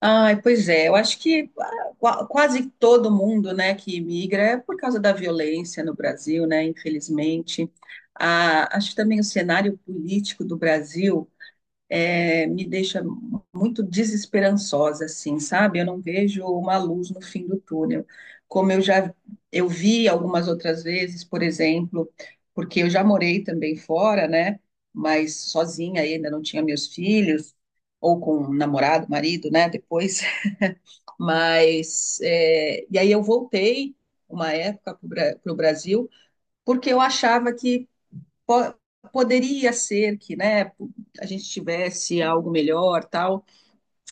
Ai, pois é, eu acho que quase todo mundo, né, que imigra é por causa da violência no Brasil, né, infelizmente. Ah, acho que também o cenário político do Brasil me deixa muito desesperançosa, assim, sabe? Eu não vejo uma luz no fim do túnel, como eu vi algumas outras vezes, por exemplo, porque eu já morei também fora, né, mas sozinha ainda não tinha meus filhos, ou com um namorado, marido, né, depois. Mas, é, e aí eu voltei uma época para o Brasil, porque eu achava que po poderia ser que, né, a gente tivesse algo melhor, tal,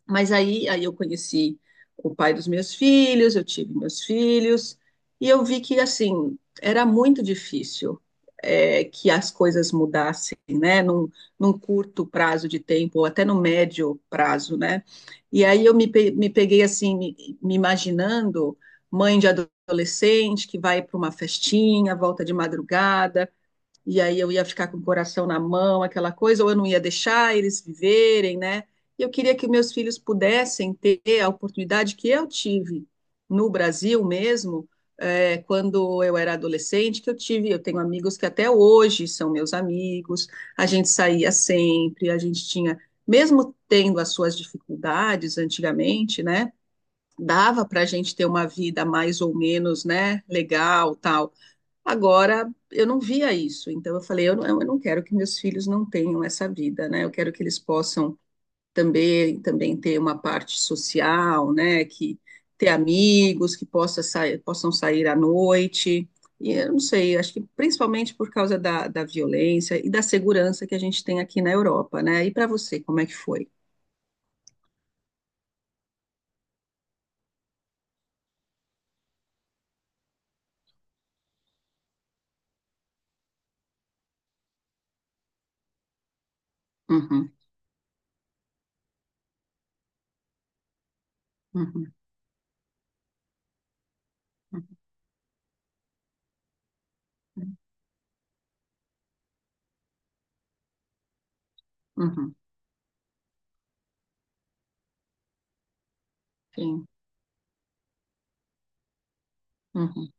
mas aí eu conheci o pai dos meus filhos, eu tive meus filhos, e eu vi que, assim, era muito difícil, é, que as coisas mudassem, né, num curto prazo de tempo, ou até no médio prazo, né. E aí eu me peguei, assim, me imaginando mãe de adolescente que vai para uma festinha, volta de madrugada, e aí eu ia ficar com o coração na mão, aquela coisa, ou eu não ia deixar eles viverem, né? E eu queria que meus filhos pudessem ter a oportunidade que eu tive no Brasil mesmo, é, quando eu era adolescente, que eu tive, eu tenho amigos que até hoje são meus amigos, a gente saía sempre, a gente tinha, mesmo tendo as suas dificuldades antigamente, né? Dava para a gente ter uma vida mais ou menos, né, legal, tal. Agora, eu não via isso, então eu falei, eu não quero que meus filhos não tenham essa vida, né? Eu quero que eles possam também ter uma parte social, né? Que ter amigos, que possa sair, possam sair à noite. E eu não sei, acho que principalmente por causa da violência e da segurança que a gente tem aqui na Europa, né? E para você, como é que foi? Uhum, uhum, uhum, uhum, sim, uhum,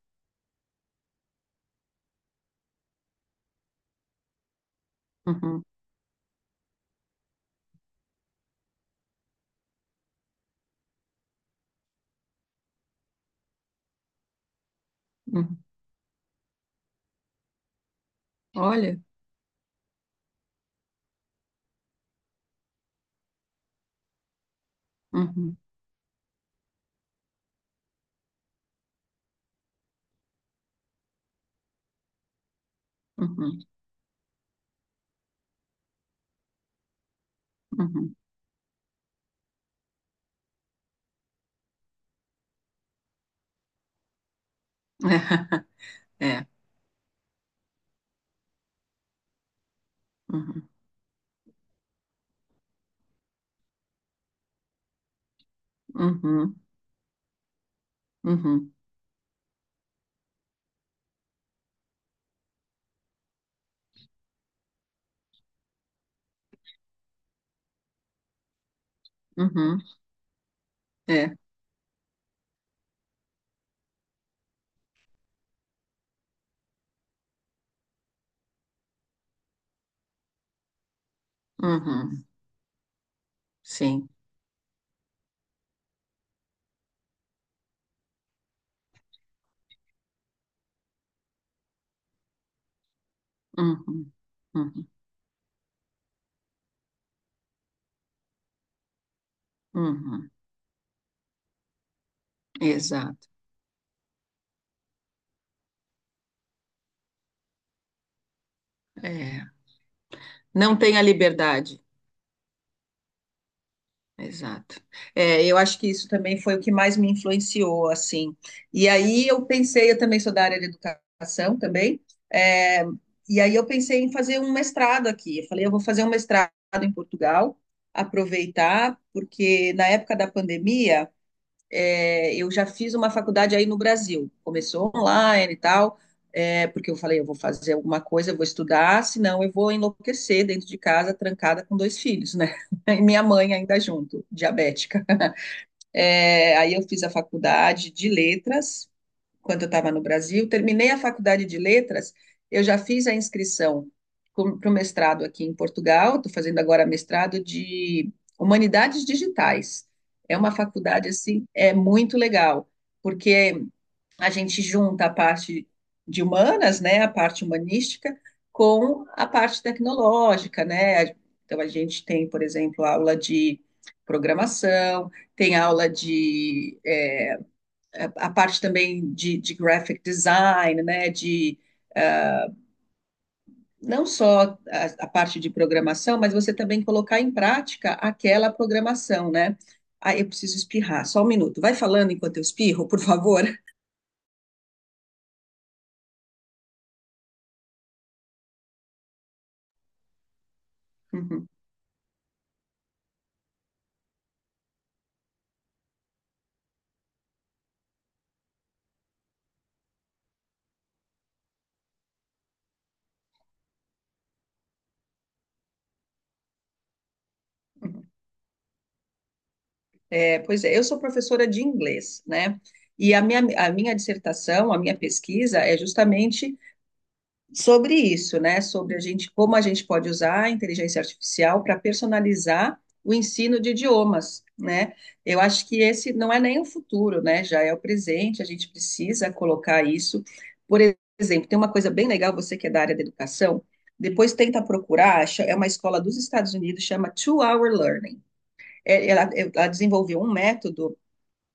uhum, uhum. Uhum, olha, uhum, uhum, uhum. É. Uhum, uhum, uhum, uhum, é, uhum, sim, uhum, uhum, uhum, exato, é, não tem a liberdade, exato. É, eu acho que isso também foi o que mais me influenciou, assim, e aí eu pensei, eu também sou da área de educação também, é, e aí eu pensei em fazer um mestrado aqui, eu falei, eu vou fazer um mestrado em Portugal, aproveitar, porque na época da pandemia, é, eu já fiz uma faculdade aí no Brasil. Começou online e tal, é, porque eu falei, eu vou fazer alguma coisa, eu vou estudar, senão eu vou enlouquecer dentro de casa, trancada com dois filhos, né? E minha mãe ainda junto, diabética. É, aí eu fiz a faculdade de letras, quando eu estava no Brasil. Terminei a faculdade de letras, eu já fiz a inscrição para o mestrado aqui em Portugal, estou fazendo agora mestrado de Humanidades Digitais. É uma faculdade, assim, é muito legal, porque a gente junta a parte de humanas, né, a parte humanística, com a parte tecnológica, né? Então, a gente tem, por exemplo, aula de programação, tem aula de a parte também de graphic design, né, de não só a parte de programação, mas você também colocar em prática aquela programação, né? Ah, eu preciso espirrar, só um minuto. Vai falando enquanto eu espirro, por favor. É, pois é, eu sou professora de inglês, né? E a minha dissertação, a minha pesquisa é justamente sobre isso, né? Sobre a gente, como a gente pode usar a inteligência artificial para personalizar o ensino de idiomas, né? Eu acho que esse não é nem o futuro, né? Já é o presente, a gente precisa colocar isso. Por exemplo, tem uma coisa bem legal, você que é da área da educação, depois tenta procurar, é uma escola dos Estados Unidos, chama Two Hour Learning. Ela desenvolveu um método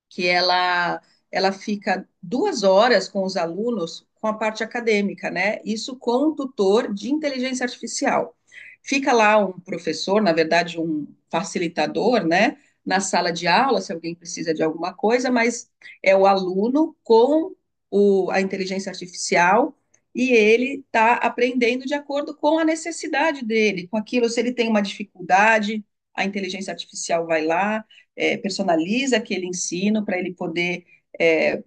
que ela fica 2 horas com os alunos com a parte acadêmica, né? Isso com um tutor de inteligência artificial. Fica lá um professor, na verdade, um facilitador, né? Na sala de aula, se alguém precisa de alguma coisa, mas é o aluno com a inteligência artificial e ele está aprendendo de acordo com a necessidade dele, com aquilo, se ele tem uma dificuldade, a inteligência artificial vai lá, personaliza aquele ensino para ele poder é,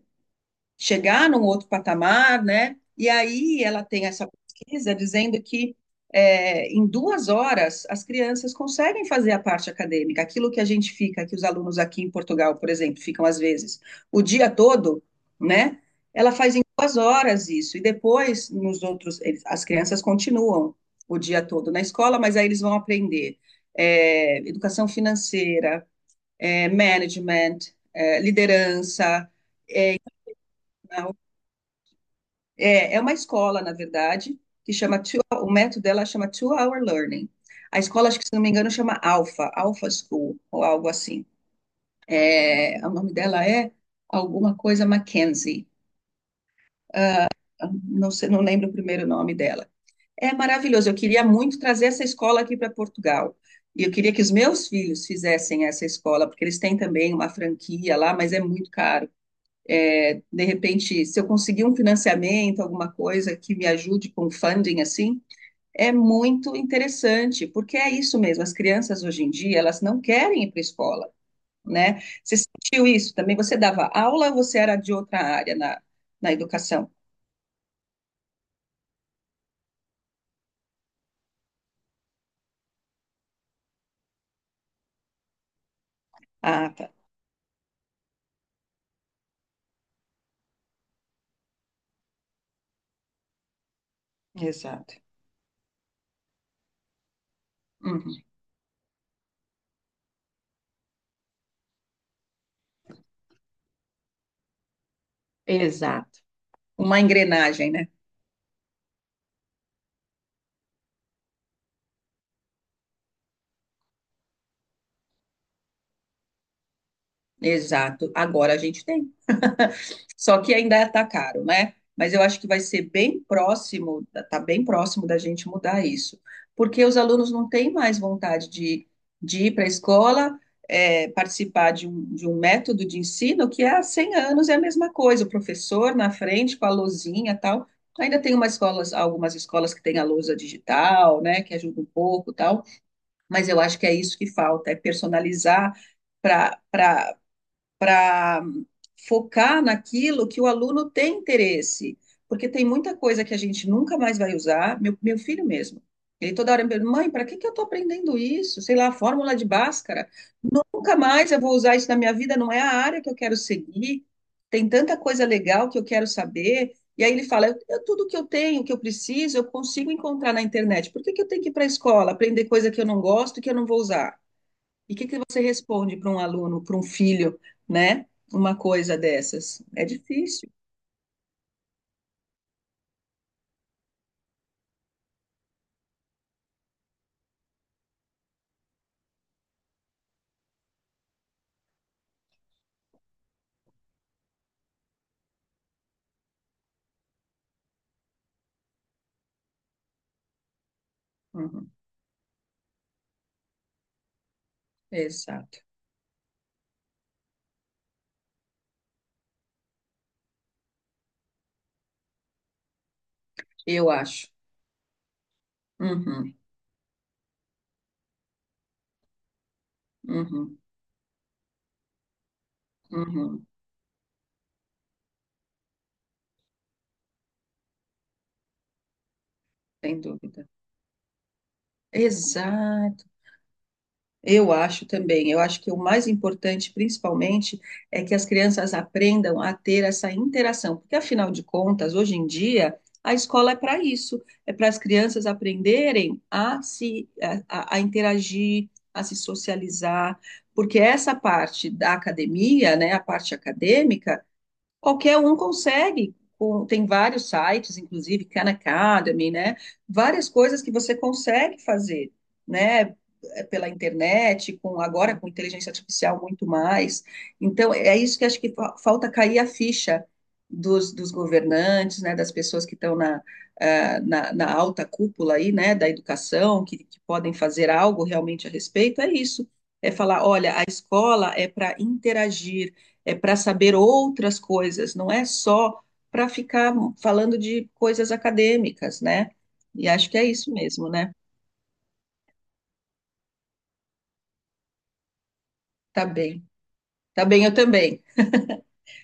chegar num outro patamar, né? E aí ela tem essa pesquisa dizendo que em duas horas as crianças conseguem fazer a parte acadêmica, aquilo que a gente fica, que os alunos aqui em Portugal, por exemplo, ficam às vezes o dia todo, né? Ela faz em 2 horas isso, e depois nos outros, as crianças continuam o dia todo na escola, mas aí eles vão aprender educação financeira, management, liderança. Não. É uma escola, na verdade, que chama, o método dela chama Two Hour Learning. A escola, acho que se não me engano, chama Alpha School, ou algo assim. É, o nome dela é alguma coisa Mackenzie. Não sei, não lembro o primeiro nome dela. É maravilhoso. Eu queria muito trazer essa escola aqui para Portugal. E eu queria que os meus filhos fizessem essa escola, porque eles têm também uma franquia lá, mas é muito caro. De repente, se eu conseguir um financiamento, alguma coisa que me ajude com funding assim, é muito interessante, porque é isso mesmo, as crianças hoje em dia, elas não querem ir para a escola, né? Você sentiu isso também? Você dava aula ou você era de outra área na educação? Ah, tá, exato. Uhum. Exato. Uma engrenagem, né? Exato. Agora a gente tem. Só que ainda está caro, né? Mas eu acho que vai ser bem próximo, tá bem próximo da gente mudar isso. Porque os alunos não têm mais vontade de ir para a escola, participar de um método de ensino que há 100 anos é a mesma coisa. O professor na frente com a lousinha e tal. Ainda tem algumas escolas que têm a lousa digital, né? Que ajuda um pouco e tal. Mas eu acho que é isso que falta, é personalizar para para focar naquilo que o aluno tem interesse, porque tem muita coisa que a gente nunca mais vai usar. Meu filho mesmo, ele toda hora me pergunta, mãe, para que que eu estou aprendendo isso? Sei lá, a fórmula de Bhaskara. Nunca mais eu vou usar isso na minha vida, não é a área que eu quero seguir. Tem tanta coisa legal que eu quero saber. E aí ele fala, tudo que eu tenho, que eu preciso, eu consigo encontrar na internet. Por que que eu tenho que ir para a escola, aprender coisa que eu não gosto e que eu não vou usar? E o que que você responde para um aluno, para um filho, né? Uma coisa dessas? É difícil. Uhum, exato. Eu acho. Uhum, uhum, uhum, sem dúvida. Exato. Eu acho também. Eu acho que o mais importante, principalmente, é que as crianças aprendam a ter essa interação, porque afinal de contas, hoje em dia, a escola é para isso, é para as crianças aprenderem a interagir, a se socializar, porque essa parte da academia, né, a parte acadêmica. Qualquer um consegue. Tem vários sites, inclusive Khan Academy, né? Várias coisas que você consegue fazer, né? Pela internet, com agora com inteligência artificial muito mais. Então, é isso que acho que falta cair a ficha dos governantes, né? Das pessoas que estão na alta cúpula aí, né? Da educação, que podem fazer algo realmente a respeito. É isso. É falar, olha, a escola é para interagir, é para saber outras coisas, não é só para ficar falando de coisas acadêmicas, né? E acho que é isso mesmo, né? Tá bem, tá bem, eu também.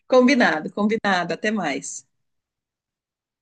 Combinado, combinado, até mais.